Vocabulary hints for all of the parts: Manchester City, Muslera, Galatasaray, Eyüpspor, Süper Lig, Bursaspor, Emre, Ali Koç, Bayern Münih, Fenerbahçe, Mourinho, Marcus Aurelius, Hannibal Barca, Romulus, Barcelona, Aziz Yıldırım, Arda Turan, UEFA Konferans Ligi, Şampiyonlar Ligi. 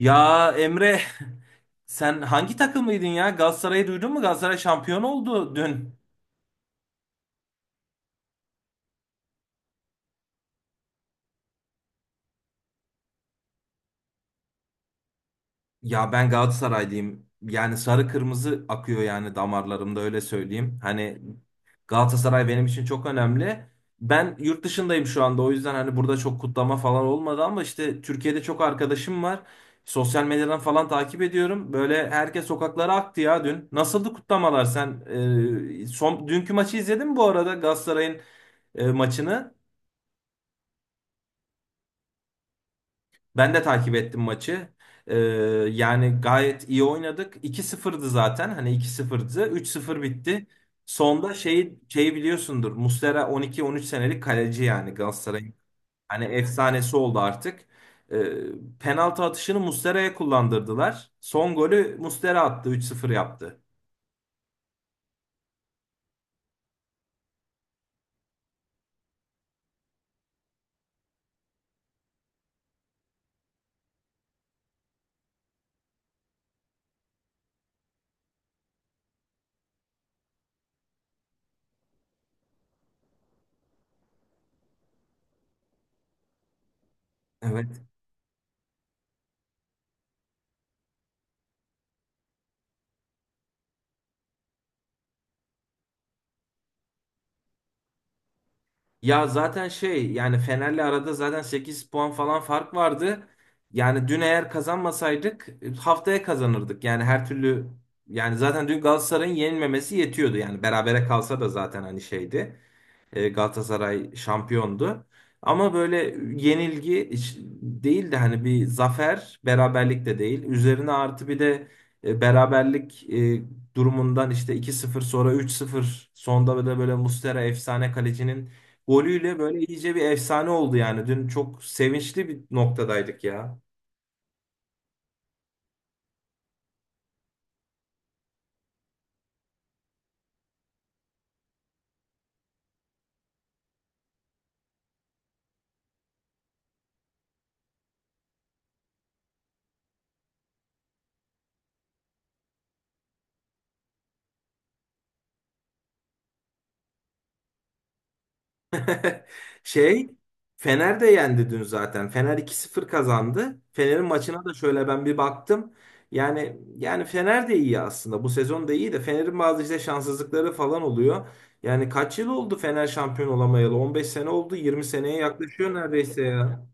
Ya Emre sen hangi takımlıydın ya? Galatasaray'ı duydun mu? Galatasaray şampiyon oldu dün. Ya ben Galatasaraylıyım. Yani sarı kırmızı akıyor yani damarlarımda öyle söyleyeyim. Hani Galatasaray benim için çok önemli. Ben yurt dışındayım şu anda o yüzden hani burada çok kutlama falan olmadı ama işte Türkiye'de çok arkadaşım var. Sosyal medyadan falan takip ediyorum. Böyle herkes sokaklara aktı ya dün. Nasıldı kutlamalar sen? Dünkü maçı izledin mi bu arada Galatasaray'ın maçını? Ben de takip ettim maçı. Ee, Yani gayet iyi oynadık. 2 sıfırdı zaten. Hani 2-0'dı. 3-0 bitti. Sonda şeyi biliyorsundur. Muslera 12-13 senelik kaleci yani Galatasaray'ın. Hani efsanesi oldu artık. Penaltı atışını Muslera'ya kullandırdılar. Son golü Muslera attı. 3-0 yaptı. Evet. Ya zaten şey yani Fener'le arada zaten 8 puan falan fark vardı. Yani dün eğer kazanmasaydık haftaya kazanırdık. Yani her türlü yani zaten dün Galatasaray'ın yenilmemesi yetiyordu. Yani berabere kalsa da zaten hani şeydi. Galatasaray şampiyondu. Ama böyle yenilgi hiç değil de hani bir zafer, beraberlik de değil. Üzerine artı bir de beraberlik durumundan işte 2-0 sonra 3-0 sonda böyle böyle Muslera efsane kalecinin golüyle böyle iyice bir efsane oldu yani. Dün çok sevinçli bir noktadaydık ya. Şey, Fener de yendi dün zaten. Fener 2-0 kazandı. Fener'in maçına da şöyle ben bir baktım. Yani Fener de iyi aslında. Bu sezon da iyi de Fener'in bazı işte şanssızlıkları falan oluyor. Yani kaç yıl oldu Fener şampiyon olamayalı? 15 sene oldu, 20 seneye yaklaşıyor neredeyse ya.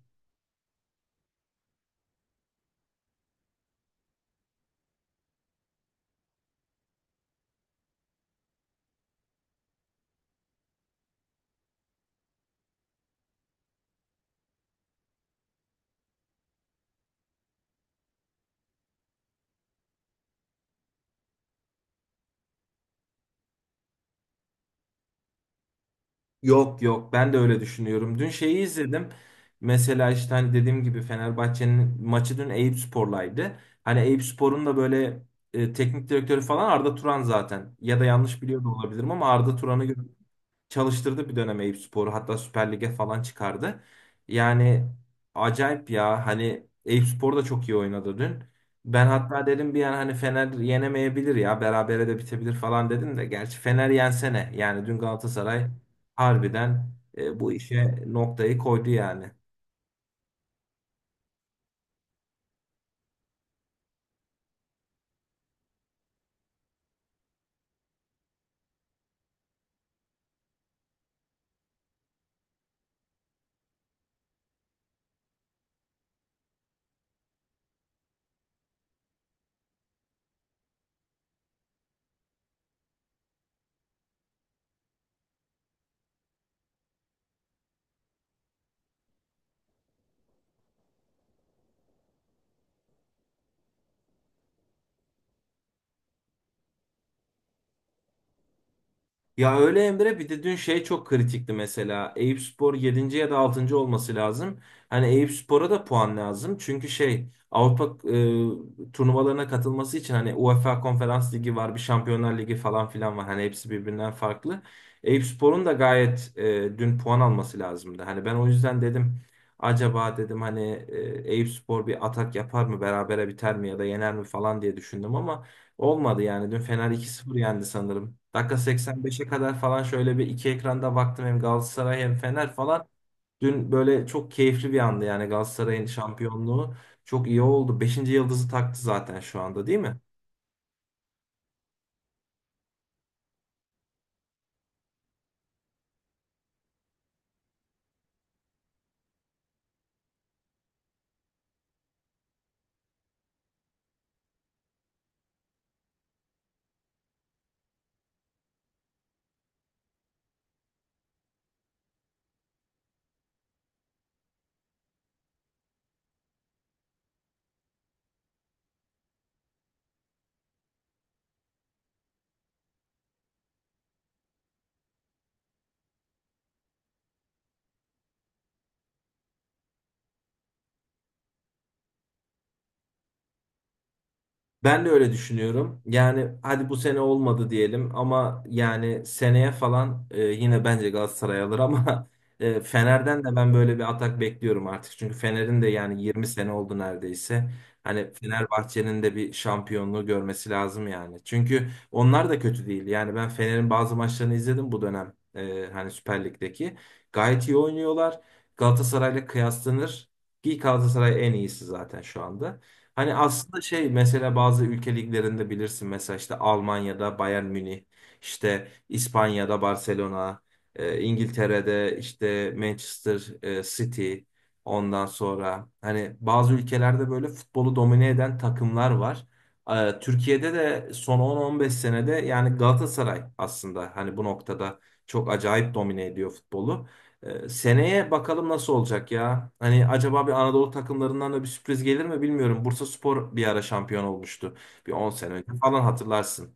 Yok yok ben de öyle düşünüyorum. Dün şeyi izledim. Mesela işte hani dediğim gibi Fenerbahçe'nin maçı dün Eyüpspor'laydı. Hani Eyüpspor'un da böyle teknik direktörü falan Arda Turan zaten. Ya da yanlış biliyor da olabilirim ama Arda Turan'ı çalıştırdı bir dönem Eyüpspor'u. Hatta Süper Lig'e falan çıkardı. Yani acayip ya. Hani Eyüpspor da çok iyi oynadı dün. Ben hatta dedim bir an hani Fener yenemeyebilir ya. Berabere de bitebilir falan dedim de. Gerçi Fener yensene. Yani dün Galatasaray harbiden bu işe noktayı koydu yani. Ya öyle Emre bir de dün şey çok kritikti mesela. Eyüpspor 7. ya da 6. olması lazım. Hani Eyüpspor'a da puan lazım. Çünkü şey Avrupa turnuvalarına katılması için hani UEFA Konferans Ligi var, bir Şampiyonlar Ligi falan filan var. Hani hepsi birbirinden farklı. Eyüpspor'un da gayet dün puan alması lazımdı. Hani ben o yüzden dedim acaba dedim hani Eyüpspor bir atak yapar mı, berabere biter mi ya da yener mi falan diye düşündüm ama olmadı yani. Dün Fener 2-0 yendi sanırım. Dakika 85'e kadar falan şöyle bir iki ekranda baktım hem Galatasaray hem Fener falan. Dün böyle çok keyifli bir andı yani Galatasaray'ın şampiyonluğu. Çok iyi oldu. Beşinci yıldızı taktı zaten şu anda değil mi? Ben de öyle düşünüyorum. Yani hadi bu sene olmadı diyelim ama yani seneye falan yine bence Galatasaray alır ama Fener'den de ben böyle bir atak bekliyorum artık. Çünkü Fener'in de yani 20 sene oldu neredeyse. Hani Fenerbahçe'nin de bir şampiyonluğu görmesi lazım yani. Çünkü onlar da kötü değil. Yani ben Fener'in bazı maçlarını izledim bu dönem. Hani Süper Lig'deki. Gayet iyi oynuyorlar. Galatasaray'la kıyaslanır. Ki Galatasaray en iyisi zaten şu anda. Hani aslında şey mesela bazı ülke liglerinde bilirsin mesela işte Almanya'da Bayern Münih, işte İspanya'da Barcelona, İngiltere'de işte Manchester City ondan sonra hani bazı ülkelerde böyle futbolu domine eden takımlar var. Türkiye'de de son 10-15 senede yani Galatasaray aslında hani bu noktada çok acayip domine ediyor futbolu. Seneye bakalım nasıl olacak ya. Hani acaba bir Anadolu takımlarından da bir sürpriz gelir mi bilmiyorum. Bursaspor bir ara şampiyon olmuştu. Bir 10 sene önce falan hatırlarsın.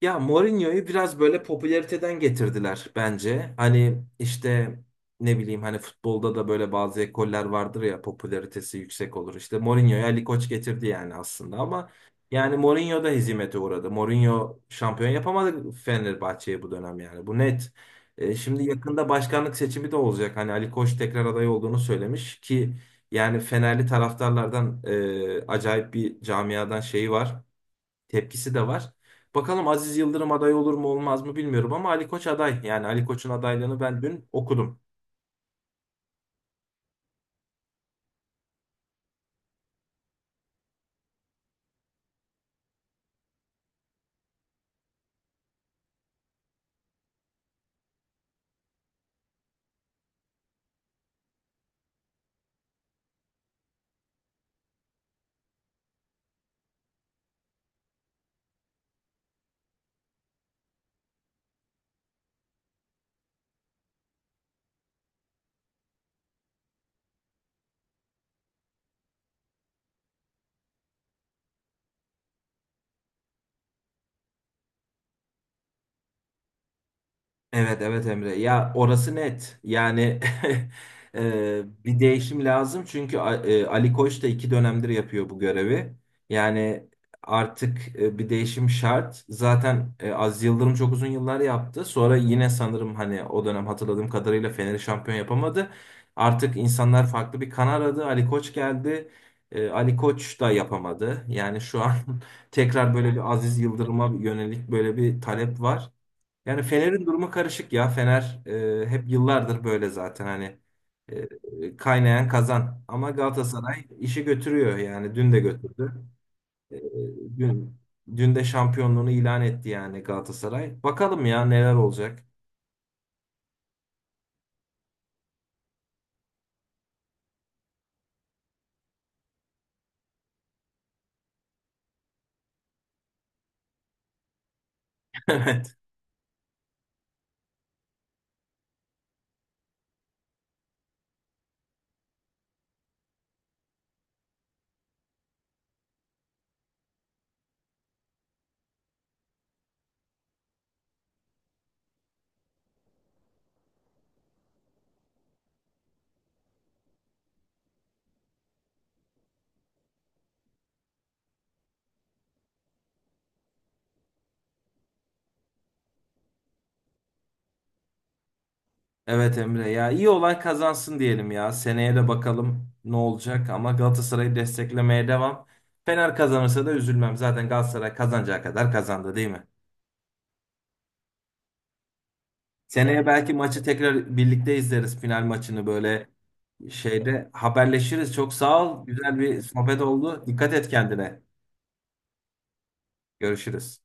Ya Mourinho'yu biraz böyle popülariteden getirdiler bence. Hani işte ne bileyim hani futbolda da böyle bazı ekoller vardır ya popülaritesi yüksek olur. İşte Mourinho'ya Ali Koç getirdi yani aslında ama yani Mourinho da hezimete uğradı. Mourinho şampiyon yapamadı Fenerbahçe'yi bu dönem yani. Bu net. Şimdi yakında başkanlık seçimi de olacak. Hani Ali Koç tekrar aday olduğunu söylemiş ki yani Fenerli taraftarlardan acayip bir camiadan şeyi var tepkisi de var. Bakalım Aziz Yıldırım aday olur mu olmaz mı bilmiyorum ama Ali Koç aday. Yani Ali Koç'un adaylığını ben dün okudum. Evet evet Emre ya orası net yani bir değişim lazım çünkü Ali Koç da 2 dönemdir yapıyor bu görevi yani artık bir değişim şart zaten Aziz Yıldırım çok uzun yıllar yaptı sonra yine sanırım hani o dönem hatırladığım kadarıyla Fener'i şampiyon yapamadı artık insanlar farklı bir kan aradı Ali Koç geldi. Ali Koç da yapamadı yani şu an. Tekrar böyle bir Aziz Yıldırım'a yönelik böyle bir talep var. Yani Fener'in durumu karışık ya. Fener hep yıllardır böyle zaten hani kaynayan kazan. Ama Galatasaray işi götürüyor yani dün de götürdü. E, dün dün de şampiyonluğunu ilan etti yani Galatasaray. Bakalım ya neler olacak. Evet. Evet Emre ya iyi olan kazansın diyelim ya. Seneye de bakalım ne olacak ama Galatasaray'ı desteklemeye devam. Fener kazanırsa da üzülmem. Zaten Galatasaray kazanacağı kadar kazandı değil mi? Seneye belki maçı tekrar birlikte izleriz final maçını böyle şeyde haberleşiriz. Çok sağ ol. Güzel bir sohbet oldu. Dikkat et kendine. Görüşürüz.